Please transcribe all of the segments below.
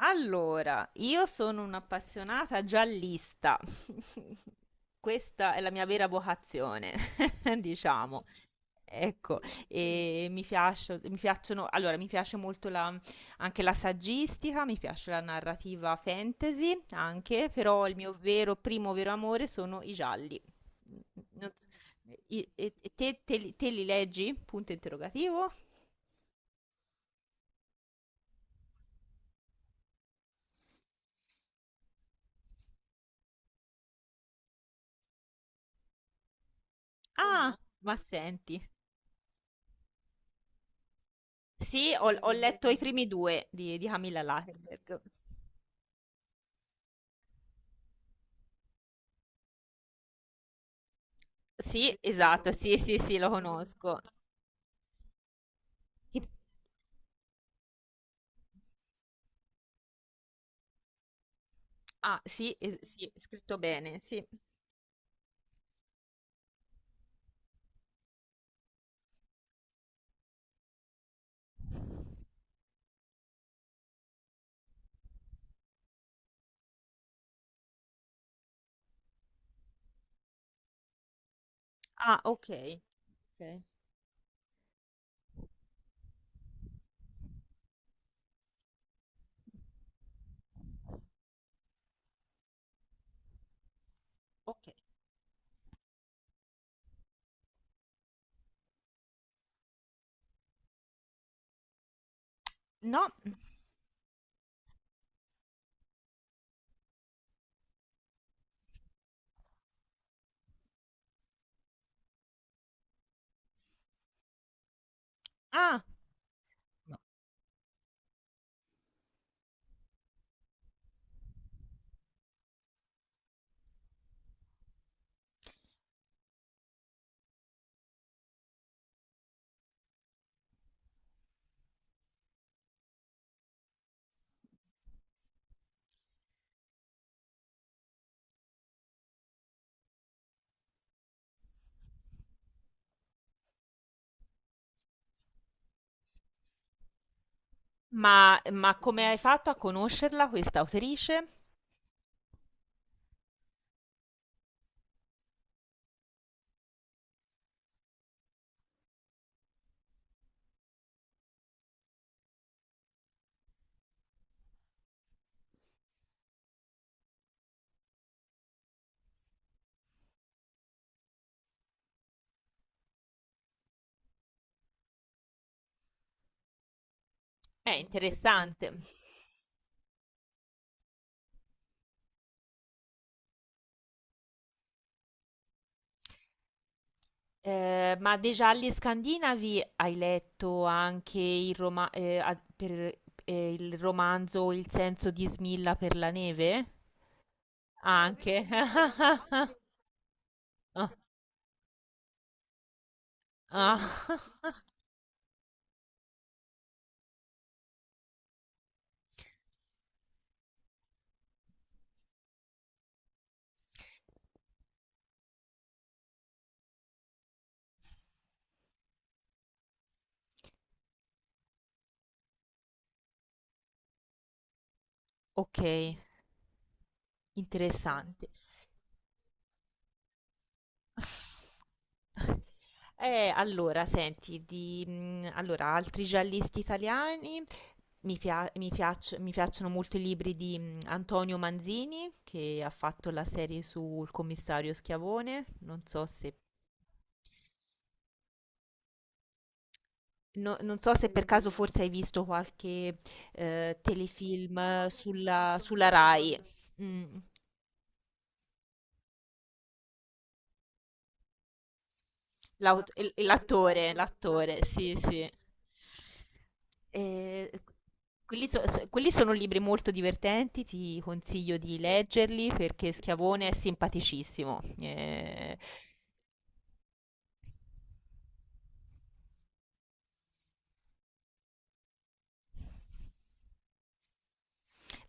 Allora, io sono un'appassionata giallista. Questa è la mia vera vocazione, diciamo. Ecco, e mi piacciono, allora, mi piace molto anche la saggistica, mi piace la narrativa fantasy anche, però il mio vero, primo vero amore sono i gialli. Non so- E te, te li leggi? Punto interrogativo. No. Ah, no, ma senti. Sì, ho letto i primi 2 di Camilla Lagerberg. Sì, esatto, sì, sì, sì, lo conosco. Ti Ah, sì, es sì, scritto bene, sì. Ah, okay, okay, okay. No. Ah, no. Ma come hai fatto a conoscerla questa autrice? Interessante. Ma dei gialli scandinavi hai letto anche il romanzo Il senso di Smilla per la neve? Anche. Ah, ah. Okay, interessante. Allora senti allora altri giallisti italiani, mi piacciono molto i libri di, Antonio Manzini, che ha fatto la serie sul commissario Schiavone, non so se per caso forse hai visto qualche, telefilm sulla Rai. Mh. L'attore, sì, sì. Eh, Quelli sono libri molto divertenti, ti consiglio di leggerli perché Schiavone è simpaticissimo. Eh,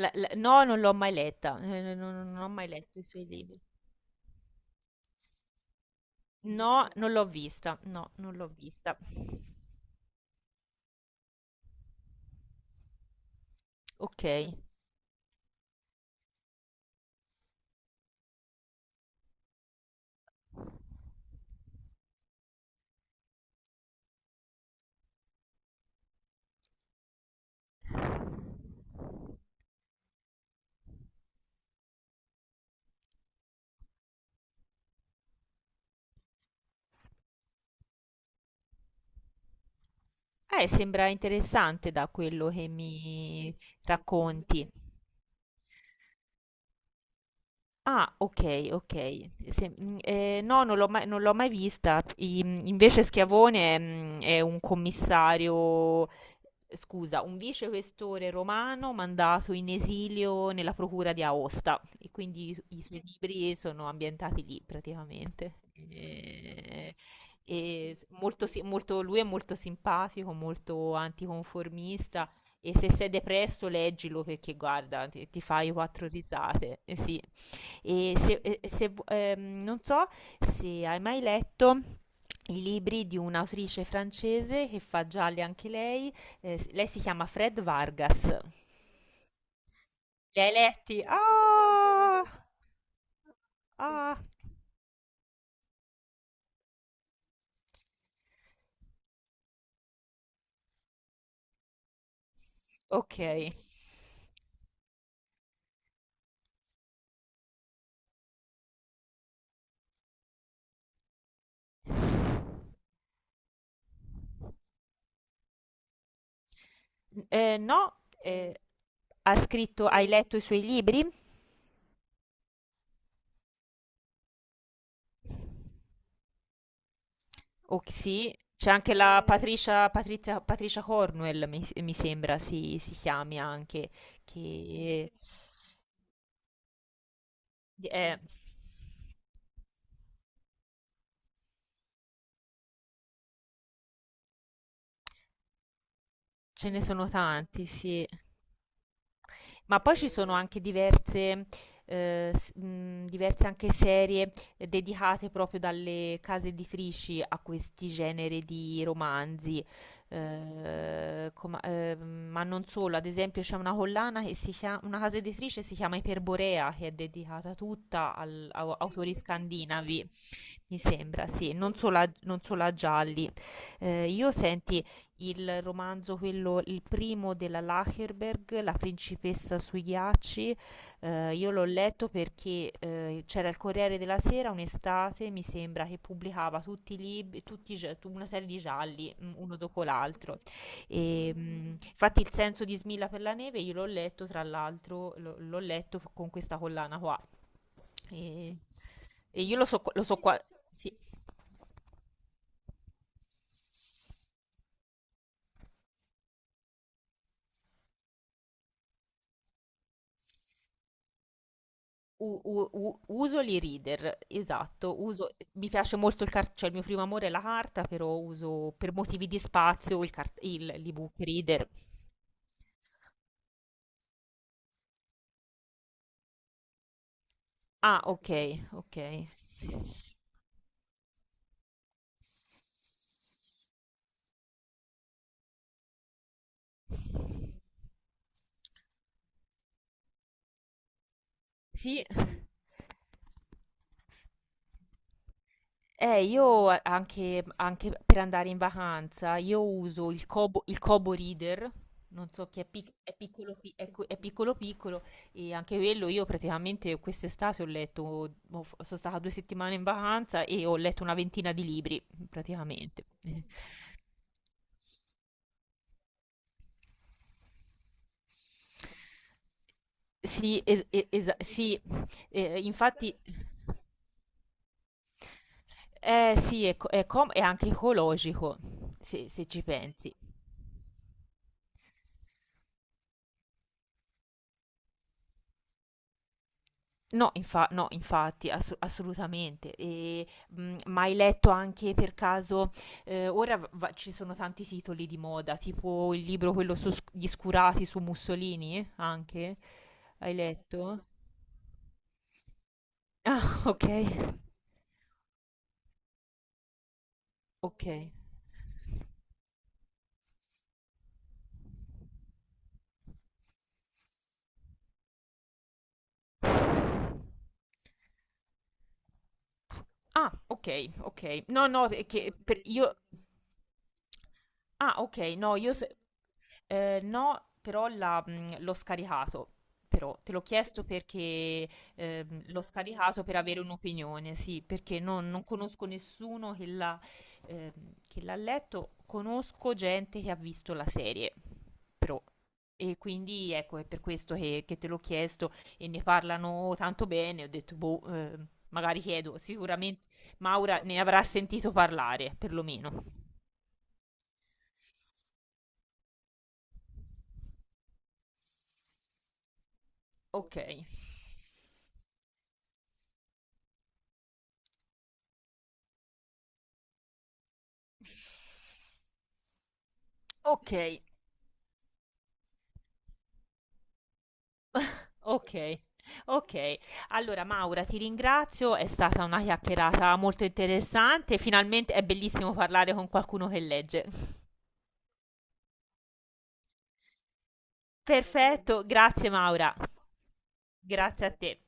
la- la- No, non l'ho mai letta, non ho mai letto i suoi libri. No, non l'ho vista, no, non l'ho vista. Ok. Sembra interessante da quello che mi racconti. Ah, ok, ok. No, non l'ho mai vista. Invece Schiavone è un commissario, scusa, un vicequestore romano mandato in esilio nella procura di Aosta. E quindi i suoi libri sono ambientati lì praticamente. E, e lui è molto simpatico, molto anticonformista. E se sei depresso, leggilo perché guarda, ti fai quattro risate. Eh sì. E se vu- Non so se hai mai letto i libri di un'autrice francese che fa gialli anche lei, lei si chiama Fred Vargas. Li hai letti? Ah! Ah! Ok. No, eh, hai letto i suoi libri? Sì, c'è anche la Patricia Cornwell, mi sembra si chiami anche, che eh, ce ne sono tanti, sì. Ma poi ci sono anche diverse anche serie, dedicate proprio dalle case editrici a questi generi di romanzi, com ma non solo, ad esempio c'è una collana che si chia una casa editrice si chiama Iperborea, che è dedicata tutta al au autori scandinavi, mi sembra, sì, non solo a gialli. Io senti, il romanzo quello il primo della Lagerberg, La principessa sui ghiacci, io l'ho letto perché, c'era il Corriere della Sera un'estate, mi sembra, che pubblicava tutti i lib tutti i gia tu una serie di gialli, uno dopo l'altro. Infatti Il senso di Smilla per la neve io l'ho letto, tra l'altro l'ho letto f con questa collana qua. E e io lo so qua, sì. U- u- u- Uso gli reader, esatto, uso, mi piace molto il cartone, cioè il mio primo amore è la carta, però uso per motivi di spazio il, l'ebook reader. Ah, ok, ok. Sì. Anche per andare in vacanza, io uso il Kobo Reader, non so che è, pic- è piccolo, pi- è, que- è piccolo piccolo, e anche quello io praticamente quest'estate ho letto, ho f- sono stata 2 settimane in vacanza e ho letto una ventina di libri, praticamente. Sì, sì, infatti, sì, è, co- è com- è anche ecologico, se ci pensi. No, infa no, infatti, assu assolutamente. Ma hai letto anche per caso, ora v va ci sono tanti titoli di moda, tipo il libro quello su sc Gli Scurati su Mussolini, anche? Hai letto? Ah, okay. Okay. Ah, okay, okay. No, no, perché per io Ah, okay, no, io se no, però l'ho scaricato, però. Te l'ho chiesto perché, l'ho scaricato per avere un'opinione, sì, perché non conosco nessuno ehm, che l'ha letto, conosco gente che ha visto la serie, però. E quindi ecco, è per questo che te l'ho chiesto e ne parlano tanto bene, ho detto: "Boh, magari chiedo." Sicuramente Maura ne avrà sentito parlare, perlomeno. Ok. Ok, ok. Ok, allora Maura ti ringrazio, è stata una chiacchierata molto interessante, finalmente è bellissimo parlare con qualcuno che legge. Perfetto, grazie Maura, grazie a te.